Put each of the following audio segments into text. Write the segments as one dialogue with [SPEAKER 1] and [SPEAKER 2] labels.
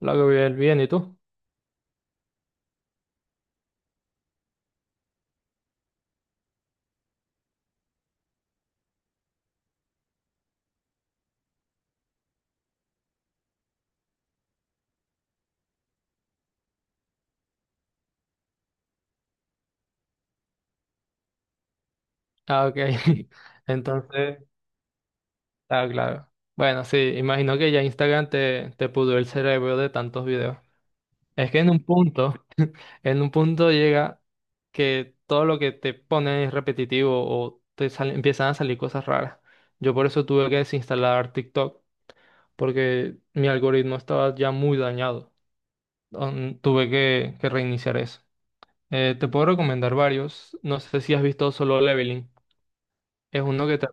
[SPEAKER 1] Lo hago bien, bien, ¿y tú? Ah, ok. Entonces, claro. Bueno, sí, imagino que ya Instagram te pudrió el cerebro de tantos videos. Es que en un punto llega que todo lo que te ponen es repetitivo o empiezan a salir cosas raras. Yo por eso tuve que desinstalar TikTok, porque mi algoritmo estaba ya muy dañado. Tuve que reiniciar eso. Te puedo recomendar varios. No sé si has visto Solo Leveling. Es uno que te...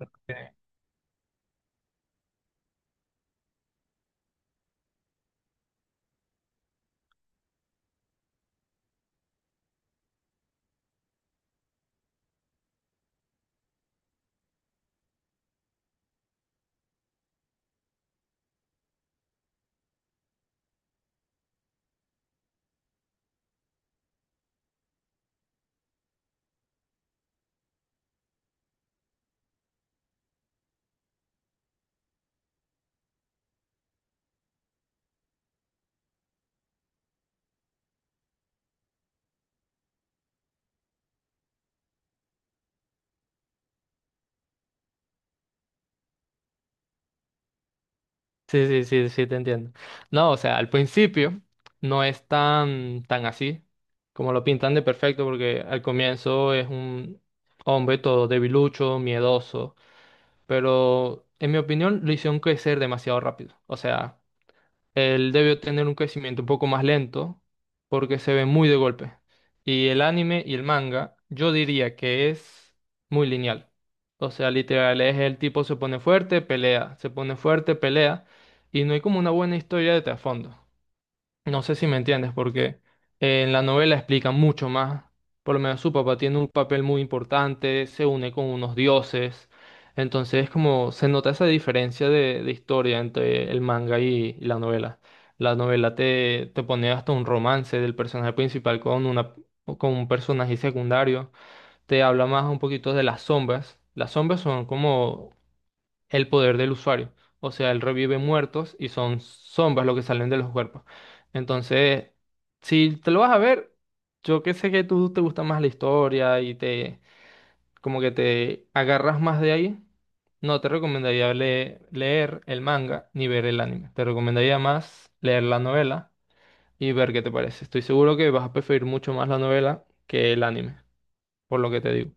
[SPEAKER 1] Sí, sí, sí, sí, te entiendo. No, o sea, al principio no es tan así como lo pintan de perfecto, porque al comienzo es un hombre todo debilucho, miedoso, pero en mi opinión lo hicieron crecer demasiado rápido. O sea, él debió tener un crecimiento un poco más lento porque se ve muy de golpe. Y el anime y el manga, yo diría que es muy lineal. O sea, literal, es el tipo se pone fuerte, pelea, se pone fuerte, pelea, y no hay como una buena historia de trasfondo. No sé si me entiendes, porque en la novela explica mucho más. Por lo menos su papá tiene un papel muy importante, se une con unos dioses. Entonces, como se nota esa diferencia de historia entre el manga y la novela. La novela te pone hasta un romance del personaje principal con una, con un personaje secundario. Te habla más un poquito de las sombras. Las sombras son como el poder del usuario. O sea, él revive muertos y son sombras lo que salen de los cuerpos. Entonces, si te lo vas a ver, yo que sé que tú te gusta más la historia y te como que te agarras más de ahí, no te recomendaría leer el manga ni ver el anime. Te recomendaría más leer la novela y ver qué te parece. Estoy seguro que vas a preferir mucho más la novela que el anime, por lo que te digo.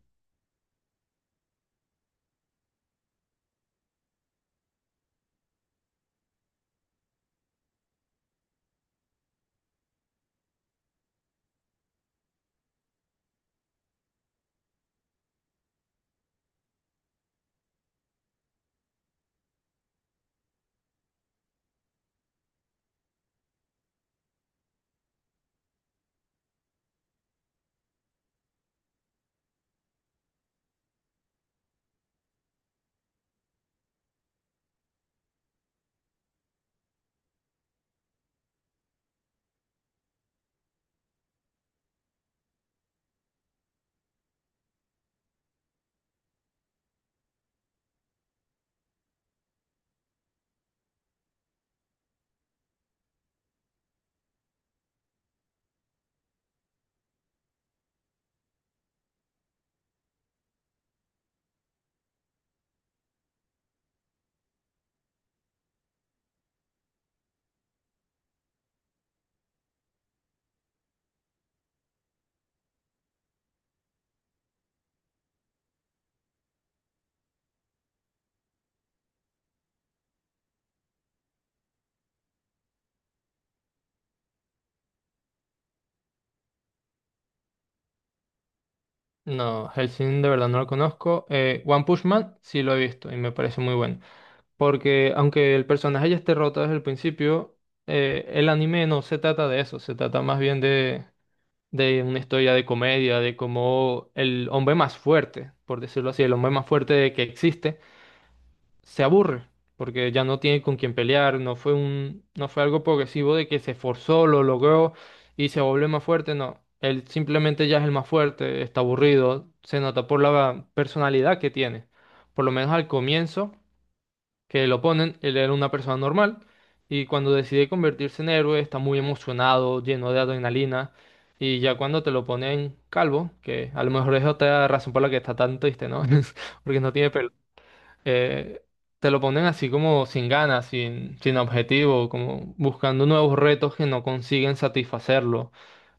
[SPEAKER 1] No, Hellsing de verdad no lo conozco. One Punch Man sí lo he visto y me parece muy bueno. Porque aunque el personaje ya esté roto desde el principio, el anime no se trata de eso, se trata más bien de una historia de comedia, de cómo el hombre más fuerte, por decirlo así, el hombre más fuerte que existe, se aburre, porque ya no tiene con quién pelear, no fue un, no fue algo progresivo de que se forzó, lo logró y se volvió más fuerte, no. Él simplemente ya es el más fuerte, está aburrido, se nota por la personalidad que tiene. Por lo menos al comienzo que lo ponen, él era una persona normal y cuando decide convertirse en héroe está muy emocionado, lleno de adrenalina y ya cuando te lo ponen calvo, que a lo mejor es otra razón por la que está tan triste, ¿no? Porque no tiene pelo. eh, Te lo ponen así como sin ganas, sin, sin objetivo, como buscando nuevos retos que no consiguen satisfacerlo.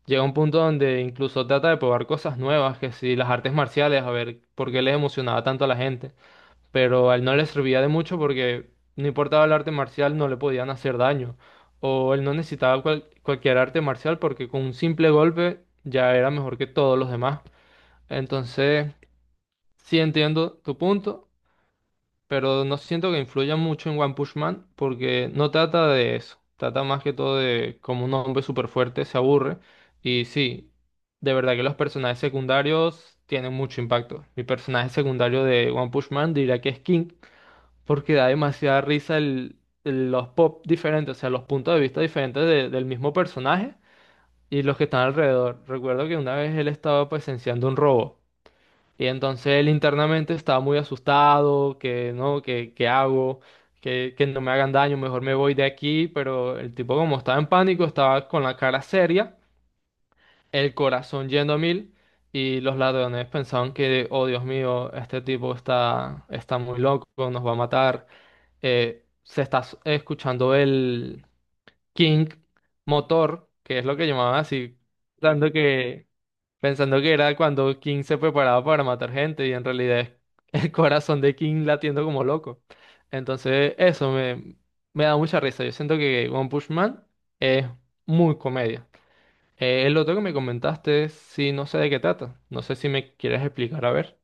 [SPEAKER 1] Llega un punto donde incluso trata de probar cosas nuevas, que si las artes marciales, a ver por qué les emocionaba tanto a la gente pero a él no le servía de mucho porque no importaba el arte marcial, no le podían hacer daño. O él no necesitaba cualquier arte marcial porque con un simple golpe ya era mejor que todos los demás. Entonces, sí entiendo tu punto, pero no siento que influya mucho en One Punch Man porque no trata de eso. Trata más que todo de cómo un hombre súper fuerte se aburre. Y sí, de verdad que los personajes secundarios tienen mucho impacto. Mi personaje secundario de One Punch Man diría que es King, porque da demasiada risa los pop diferentes, o sea, los puntos de vista diferentes del mismo personaje y los que están alrededor. Recuerdo que una vez él estaba presenciando un robo y entonces él internamente estaba muy asustado, que no, que hago, que no me hagan daño, mejor me voy de aquí, pero el tipo como estaba en pánico, estaba con la cara seria, el corazón yendo a mil. Y los ladrones pensaban que, oh Dios mío, este tipo está muy loco, nos va a matar. Se está escuchando el King Motor, que es lo que llamaban así, pensando que, pensando que era cuando King se preparaba para matar gente y en realidad es el corazón de King latiendo como loco. Entonces me da mucha risa. Yo siento que One Punch Man es muy comedia. El otro que me comentaste, sí, no sé de qué trata. No sé si me quieres explicar, a ver.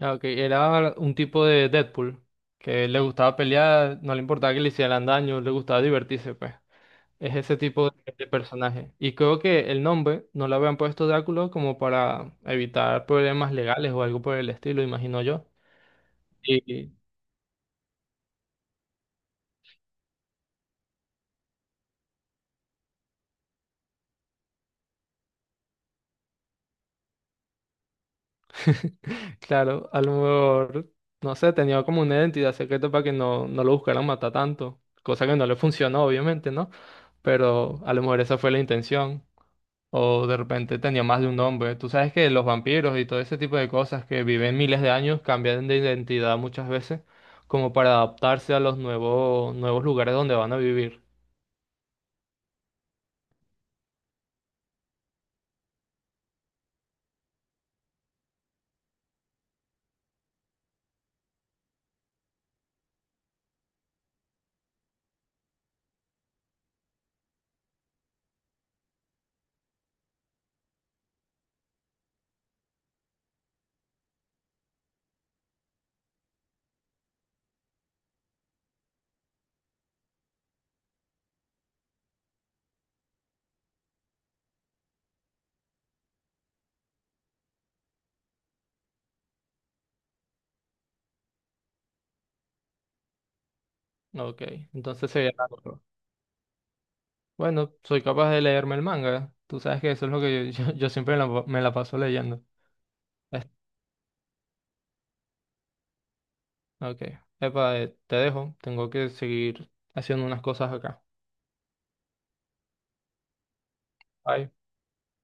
[SPEAKER 1] Ah, ok, era un tipo de Deadpool que le gustaba pelear, no le importaba que le hicieran daño, le gustaba divertirse, pues. Es ese tipo de personaje. Y creo que el nombre no lo habían puesto Drácula como para evitar problemas legales o algo por el estilo, imagino yo. Y claro, a lo mejor, no sé, tenía como una identidad secreta para que no lo buscaran matar tanto. Cosa que no le funcionó, obviamente, ¿no? Pero a lo mejor esa fue la intención. O de repente tenía más de un nombre. Tú sabes que los vampiros y todo ese tipo de cosas que viven miles de años cambian de identidad muchas veces como para adaptarse a los nuevos, nuevos lugares donde van a vivir. Ok, entonces sería raro. Bueno, soy capaz de leerme el manga. Tú sabes que eso es lo que yo, yo siempre me la paso leyendo. Es- Ok, epa, te dejo. Tengo que seguir haciendo unas cosas acá. Bye.